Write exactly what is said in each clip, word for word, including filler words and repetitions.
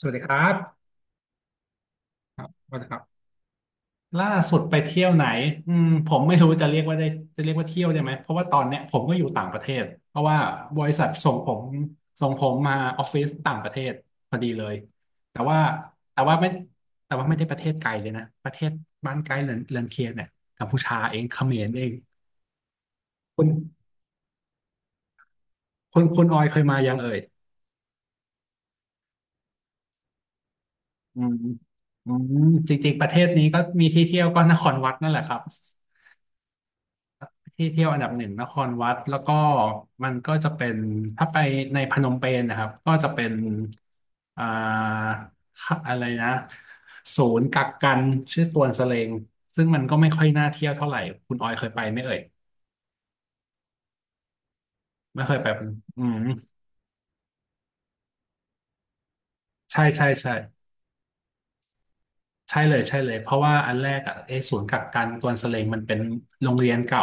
สวัสดีครับครับสวัสดีครับล่าสุดไปเที่ยวไหนอืมผมไม่รู้จะเรียกว่าได้จะเรียกว่าเที่ยวได้ไหมเพราะว่าตอนเนี้ยผมก็อยู่ต่างประเทศเพราะว่าบริษัทส่งผมส่งผมมาออฟฟิศต่างประเทศพอดีเลยแต่ว่าแต่ว่าไม่แต่ว่าไม่ได้ประเทศไกลเลยนะประเทศบ้านใกล้เรือนเรือนเคียงเนี่ยกัมพูชาเองเขมรเองคุณคุณคุณออยเคยมายังเอ่ยอืมอืมจริงๆประเทศนี้ก็มีที่เที่ยวก็นครวัดนั่นแหละครับ ที่เที่ยวอันดับหนึ่งนครวัดแล้วก็มันก็จะเป็นถ้าไปในพนมเปญนะครับก็จะเป็นอ่าค่ะอะไรนะศูนย์กักกันชื่อตวนสเลงซึ่งมันก็ไม่ค่อยน่าเที่ยวเท่าไหร่คุณออยเคยไปไหมเอ่ยไม่เคยไปอืมใช่ใช่ใช่ ใช่เลยใช่เลยเพราะว่าอันแรกอ่ะไอ้ศูนย์กักกันกวนสเลงมันเป็นโรงเรียนเก่า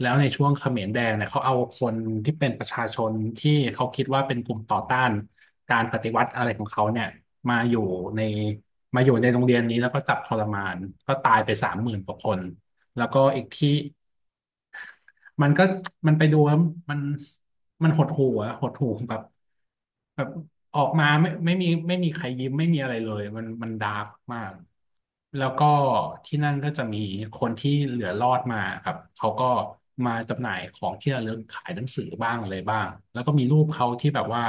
แล้วในช่วงเขมรแดงเนี่ยเขาเอาคนที่เป็นประชาชนที่เขาคิดว่าเป็นกลุ่มต่อต้านการปฏิวัติอะไรของเขาเนี่ยมาอยู่ในมาอยู่ในโรงเรียนนี้แล้วก็จับทรมานก็ตายไปสามหมื่นกว่าคนแล้วก็อีกที่ มันก็มันไปดูแล้วมันมันหดหู่อะหดหู่แบบแบบออกมาไม่ไม่มีไม่มีใครยิ้มไม่มีอะไรเลยมันมันดาร์กมากแล้วก็ที่นั่นก็จะมีคนที่เหลือรอดมาครับเขาก็มาจำหน่ายของที่ระลึกขายหนังสือบ้างอะไรบ้างแล้วก็มีรูปเขาที่แบบว่า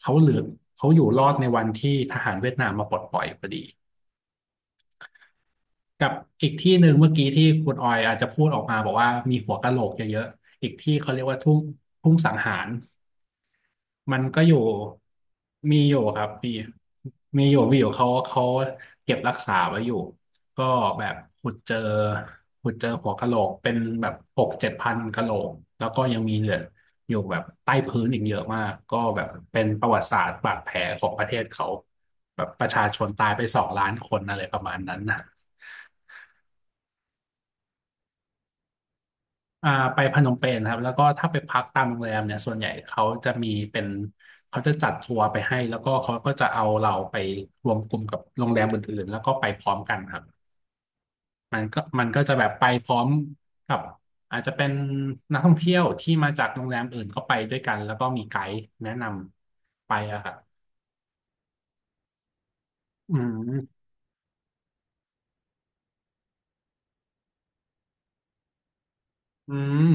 เขาเหลือเขาอยู่รอดในวันที่ทหารเวียดนามมาปลดปล่อยพอดี กับอีกที่หนึ่งเมื่อกี้ที่คุณออยอาจจะพูดออกมาบอกว่ามีหัวกะโหลกเยอะๆ อีกที่เขาเรียกว่าทุ่งทุ่งสังหารมันก็อยู่มีอยู่ครับมีมีอยู่มีอยู่เขาเขาเก็บรักษาไว้อยู่ก็แบบขุดเจอขุดเจอหัวกะโหลกเป็นแบบหกเจ็ดพันกะโหลกแล้วก็ยังมีเหลืออยู่แบบใต้พื้นอีกเยอะมากก็แบบเป็นประวัติศาสตร์บาดแผลของประเทศเขาแบบประชาชนตายไปสองล้านคนอะไรประมาณนั้นนะ อ่าไปพนมเปญครับแล้วก็ถ้าไปพักตามโรงแรมเนี่ยส่วนใหญ่เขาจะมีเป็นเขาจะจัดทัวร์ไปให้แล้วก็เขาก็จะเอาเราไปรวมกลุ่มกับโรงแรมอื่นๆแล้วก็ไปพร้อมกันครับมันก็มันก็จะแบบไปพร้อมกับอาจจะเป็นนักท่องเที่ยวที่มาจากโรงแรมอื่นก็ไปด้วยกันแล้วก็มีไกด์แนะนำไปอะครับอืมอืม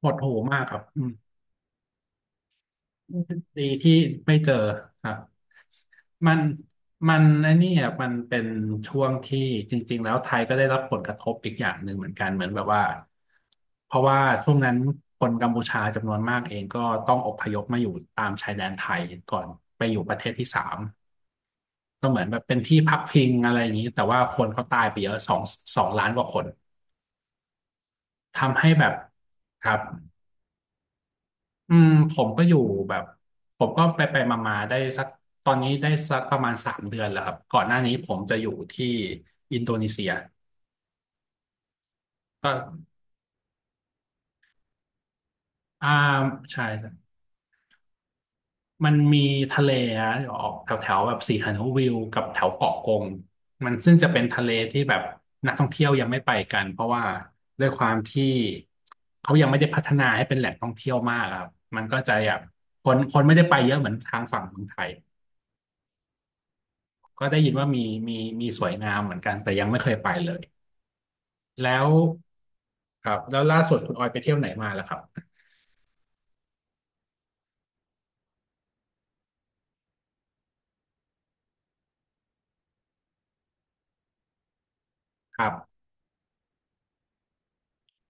ปวดหูมากครับ ดีที่ไม่เจอครับมันมันไอ้นี้อ่ะมันเป็นช่วงที่จริงๆแล้วไทยก็ได้รับผลกระทบอีกอย่างหนึ่งเหมือนกันเหมือนแบบว่าเพราะว่าช่วงนั้นคนกัมพูชาจำนวนมากเองก็ต้องอพยพมาอยู่ตามชายแดนไทยก่อนไปอยู่ประเทศที่สามก็เหมือนแบบเป็นที่พักพิงอะไรอย่างนี้แต่ว่าคนเขาตายไปเยอะสองสองล้านกว่าคนทำให้แบบครับ อืมผมก็อยู่แบบผมก็ไปไปมามาๆได้สักตอนนี้ได้สักประมาณสามเดือนแล้วครับก่อนหน้านี้ผมจะอยู่ที่อินโดนีเซียก็อ่าใช่ครับมันมีทะเลอะออกแถวแถวแบบสีหานุวิวกับแถวเกาะกงมันซึ่งจะเป็นทะเลที่แบบนักท่องเที่ยวยังไม่ไปกันเพราะว่าด้วยความที่เขายังไม่ได้พัฒนาให้เป็นแหล่งท่องเที่ยวมากอะครับมันก็จะแบบคนคนไม่ได้ไปเยอะเหมือนทางฝั่งเมืองไทย ก็ได้ยินว่ามีมีมีสวยงามเหมือนกันแต่ยังไม่เคยไปเลยแล้วครับแล้วล่าสุดคุณออยไปเที่ยวไหนมาล่ะครับครับ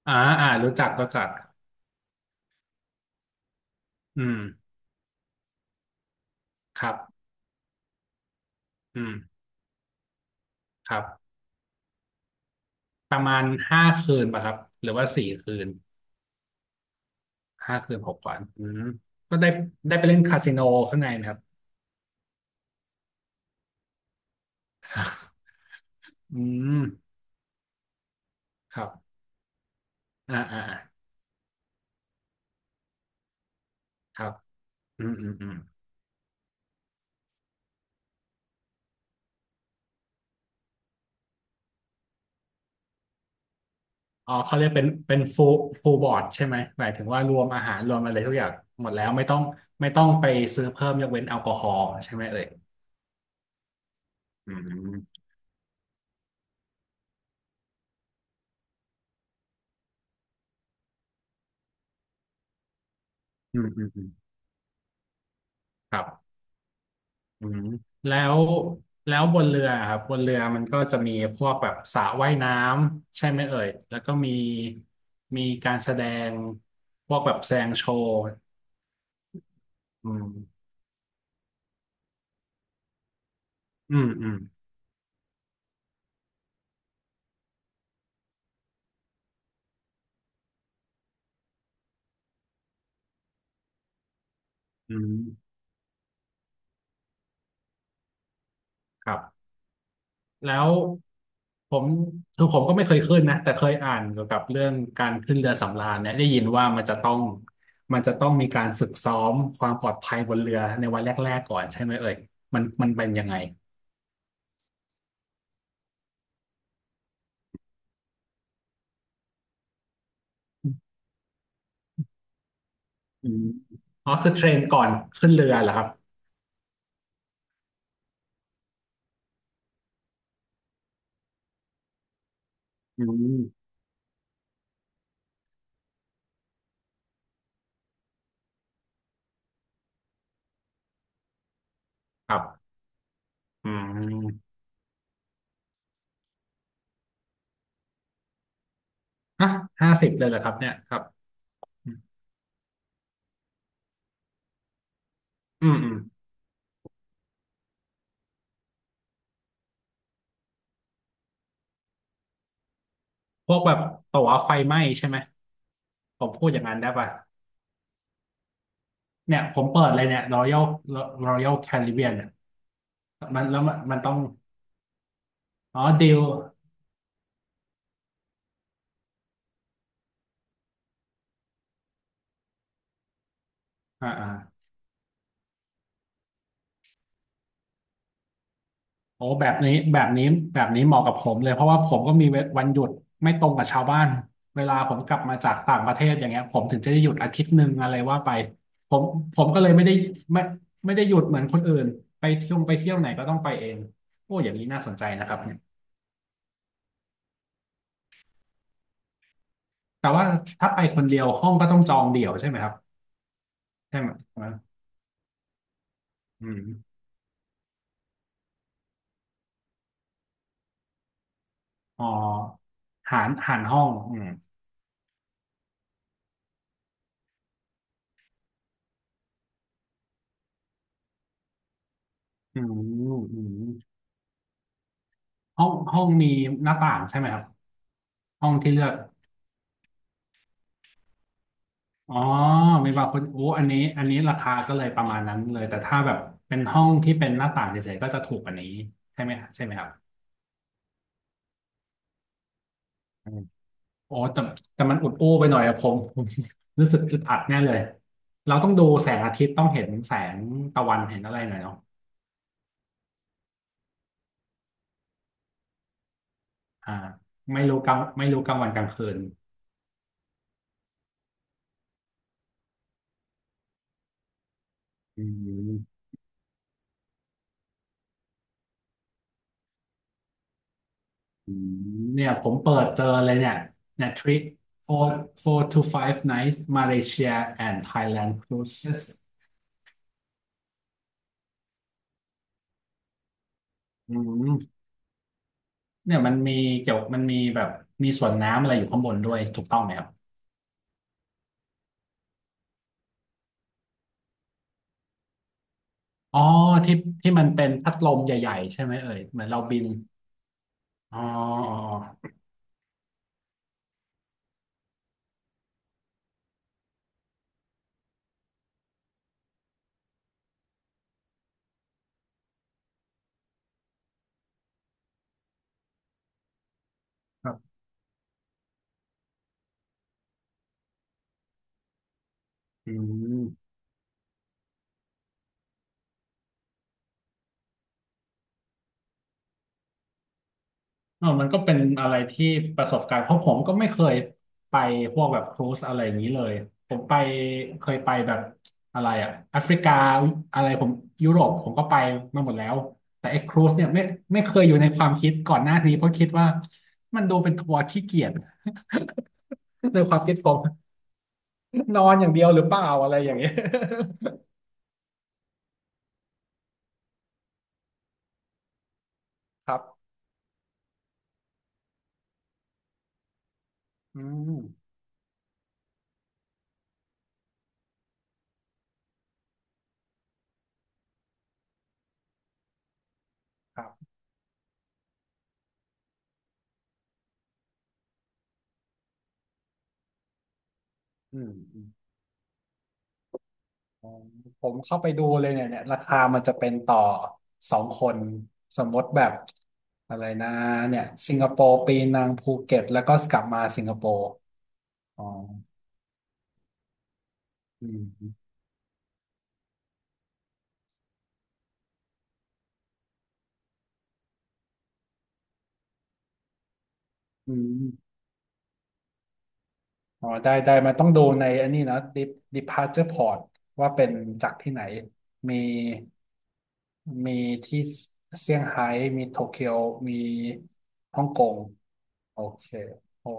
อ่าอ่ารู้จักรู้จักอืมครับอืมครับประมาณห้าคืนป่ะครับหรือว่าสี่คืนห้าคืนหกวันอืมก็ได้ได้ไปเล่นคาสิโนข้างในไหมครับ อืมครับอ่าอ่าอ่าครับอืมอืมอืม อ๋อเขาเรียกเป็นเป็นฟูฟูบอร์ดใช่ไหมหมายถึงว่ารวมอาหารรวมอะไรทุกอย่างหมดแล้วไม่ต้องไม่ต้องไปซื้อเพิ่มยกเว้นแอลกอฮอล์ใช่ไหมเอ่ยอืมอืมอืมอืมครับอืมแล้วแล้วบนเรือครับบนเรือมันก็จะมีพวกแบบสระว่ายน้ำใช่ไหมเอ่ยแล้วก็มีมีการแสดงพวกแบบแสดงโชว์อืมอืมอืมอืมครับ แล้วผมคือผมก็ไม่เคยขึ้นนะแต่เคยอ่านเกี่ยวกับเรื่องการขึ้นเรือสำราญเนี่ยได้ยินว่ามันจะต้องมันจะต้องมีการฝึกซ้อมความปลอดภัยบนเรือในวันแรกๆก่อนใช่ไหมเอ่ยมันมันเป็นยังไงอืมอ๋อคือเทรนก่อนขึ้นเรือเหรอครับอืมครับอืมฮะห้าสิบเลยเหรอครับเนี่ยครับอืมอืมพวกแบบตั๋วไฟไหม้ใช่ไหมผมพูดอย่างนั้นได้ป่ะเนี่ยผมเปิดเลยเนี่ย Royal Royal Caribbean เนี่ยมันแล้วมันมันต้อง อ๋อดิวอ่าอ่าโอ้แบบนี้แบบนี้แบบนี้เหมาะกับผมเลยเพราะว่าผมก็มีเววันหยุดไม่ตรงกับชาวบ้านเวลาผมกลับมาจากต่างประเทศอย่างเงี้ยผมถึงจะได้หยุดอาทิตย์หนึ่งอะไรว่าไปผมผมก็เลยไม่ได้ไม่ไม่ได้หยุดเหมือนคนอื่นไปเที่ยวไปเที่ยวไหนก็ต้องไปเองโอ้อย่างนี้น่าสนใจนะครับเนี่ยแต่ว่าถ้าไปคนเดียวห้องก็ต้องจองเดี่ยวใช่ไหมครับใช่ไหมอืมอ๋อหารหารห้องอืมอืมอืมห้องห้องมีหน้าต่างใช่ไหมครับ ห้องที่เลือกอ๋อมีบางคนโอ้อันนี้อันนี้ราคาก็เลยประมาณนั้นเลย แต่ถ้าแบบเป็นห้องที่เป็นหน้าต่างเฉยๆก็จะถูกกว่านี้ใช่ไหมใช่ไหมครับอืมโอ้แต่แต่มันอุดอู้ไปหน่อยอะผมผม รู้สึกอึดอัดแน่เลย เราต้องดูแสงอาทิตย์ต้องเห็นแสงตะวันเห็นอะไรหน่อยเนาะอ่าไม่รู้กลางไม่รู้กลางวันกลางคืนอืมอืมเนี่ยผมเปิดเจอเลยเนี่ยเนี่ยทริป four four to five nights Malaysia and Thailand cruises อืมเนี่ยมันมีเกี่ยวมันมีแบบมีส่วนน้ำอะไรอยู่ข้างบนด้วยถูกต้องไหมครับอ๋อที่ที่มันเป็นพัดลมใหญ่ๆใช่ไหมเอ่ยเหมือนเราบินอ๋ออ๋อครับอืมเออมันก็เป็นอะไรที่ประสบการณ์เพราะผมก็ไม่เคยไปพวกแบบครูซอะไรอย่างนี้เลยผมไปเคยไปแบบอะไรอะแอฟริกาอะไรผมยุโรปผมก็ไปมาหมดแล้วแต่ไอ้ครูซเนี่ยไม่ไม่เคยอยู่ในความคิดก่อนหน้านี้เพราะคิดว่ามันดูเป็นทัวร์ขี้เกียจ ในความคิดผม นอนอย่างเดียวหรือเปล่าอะไรอย่างเงี้ย ครับอืมครับอืมอืมอ๋อผมเข้าไปดูเลยเนี่ยเนี่ยราคามันจะเป็นต่อสองคนสมมติแบบอะไรนะเนี่ยสิงคโปร์ปีนังภูเก็ตแล้วก็กลับมาสิงคโปร์อ๋ออืมอืม อ๋อได้ได้มันต้องดูในอันนี้นะ dep- departure port ว่าเป็นจากที่ไหนมีมีที่เซี่ยงไฮ้มีโตเกียวมีฮ่องกงโอเคโอ้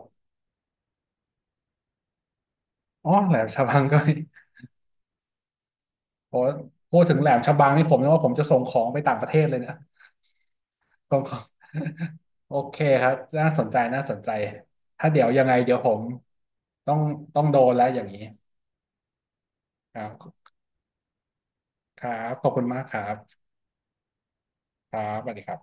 อ๋อแหลมฉบังก็มีโอ้พูดถึงแหลมฉบังนี่ผมนึกว่าผมจะส่งของไปต่างประเทศเลยเนี่ย ส่งของ โอเคครับน่าสนใจน่าสนใจถ้าเดี๋ยวยังไงเดี๋ยวผมต้องต้องโดนแล้วอย่างนี้ครับครับขอบคุณมากครับครับสวัสดีครับ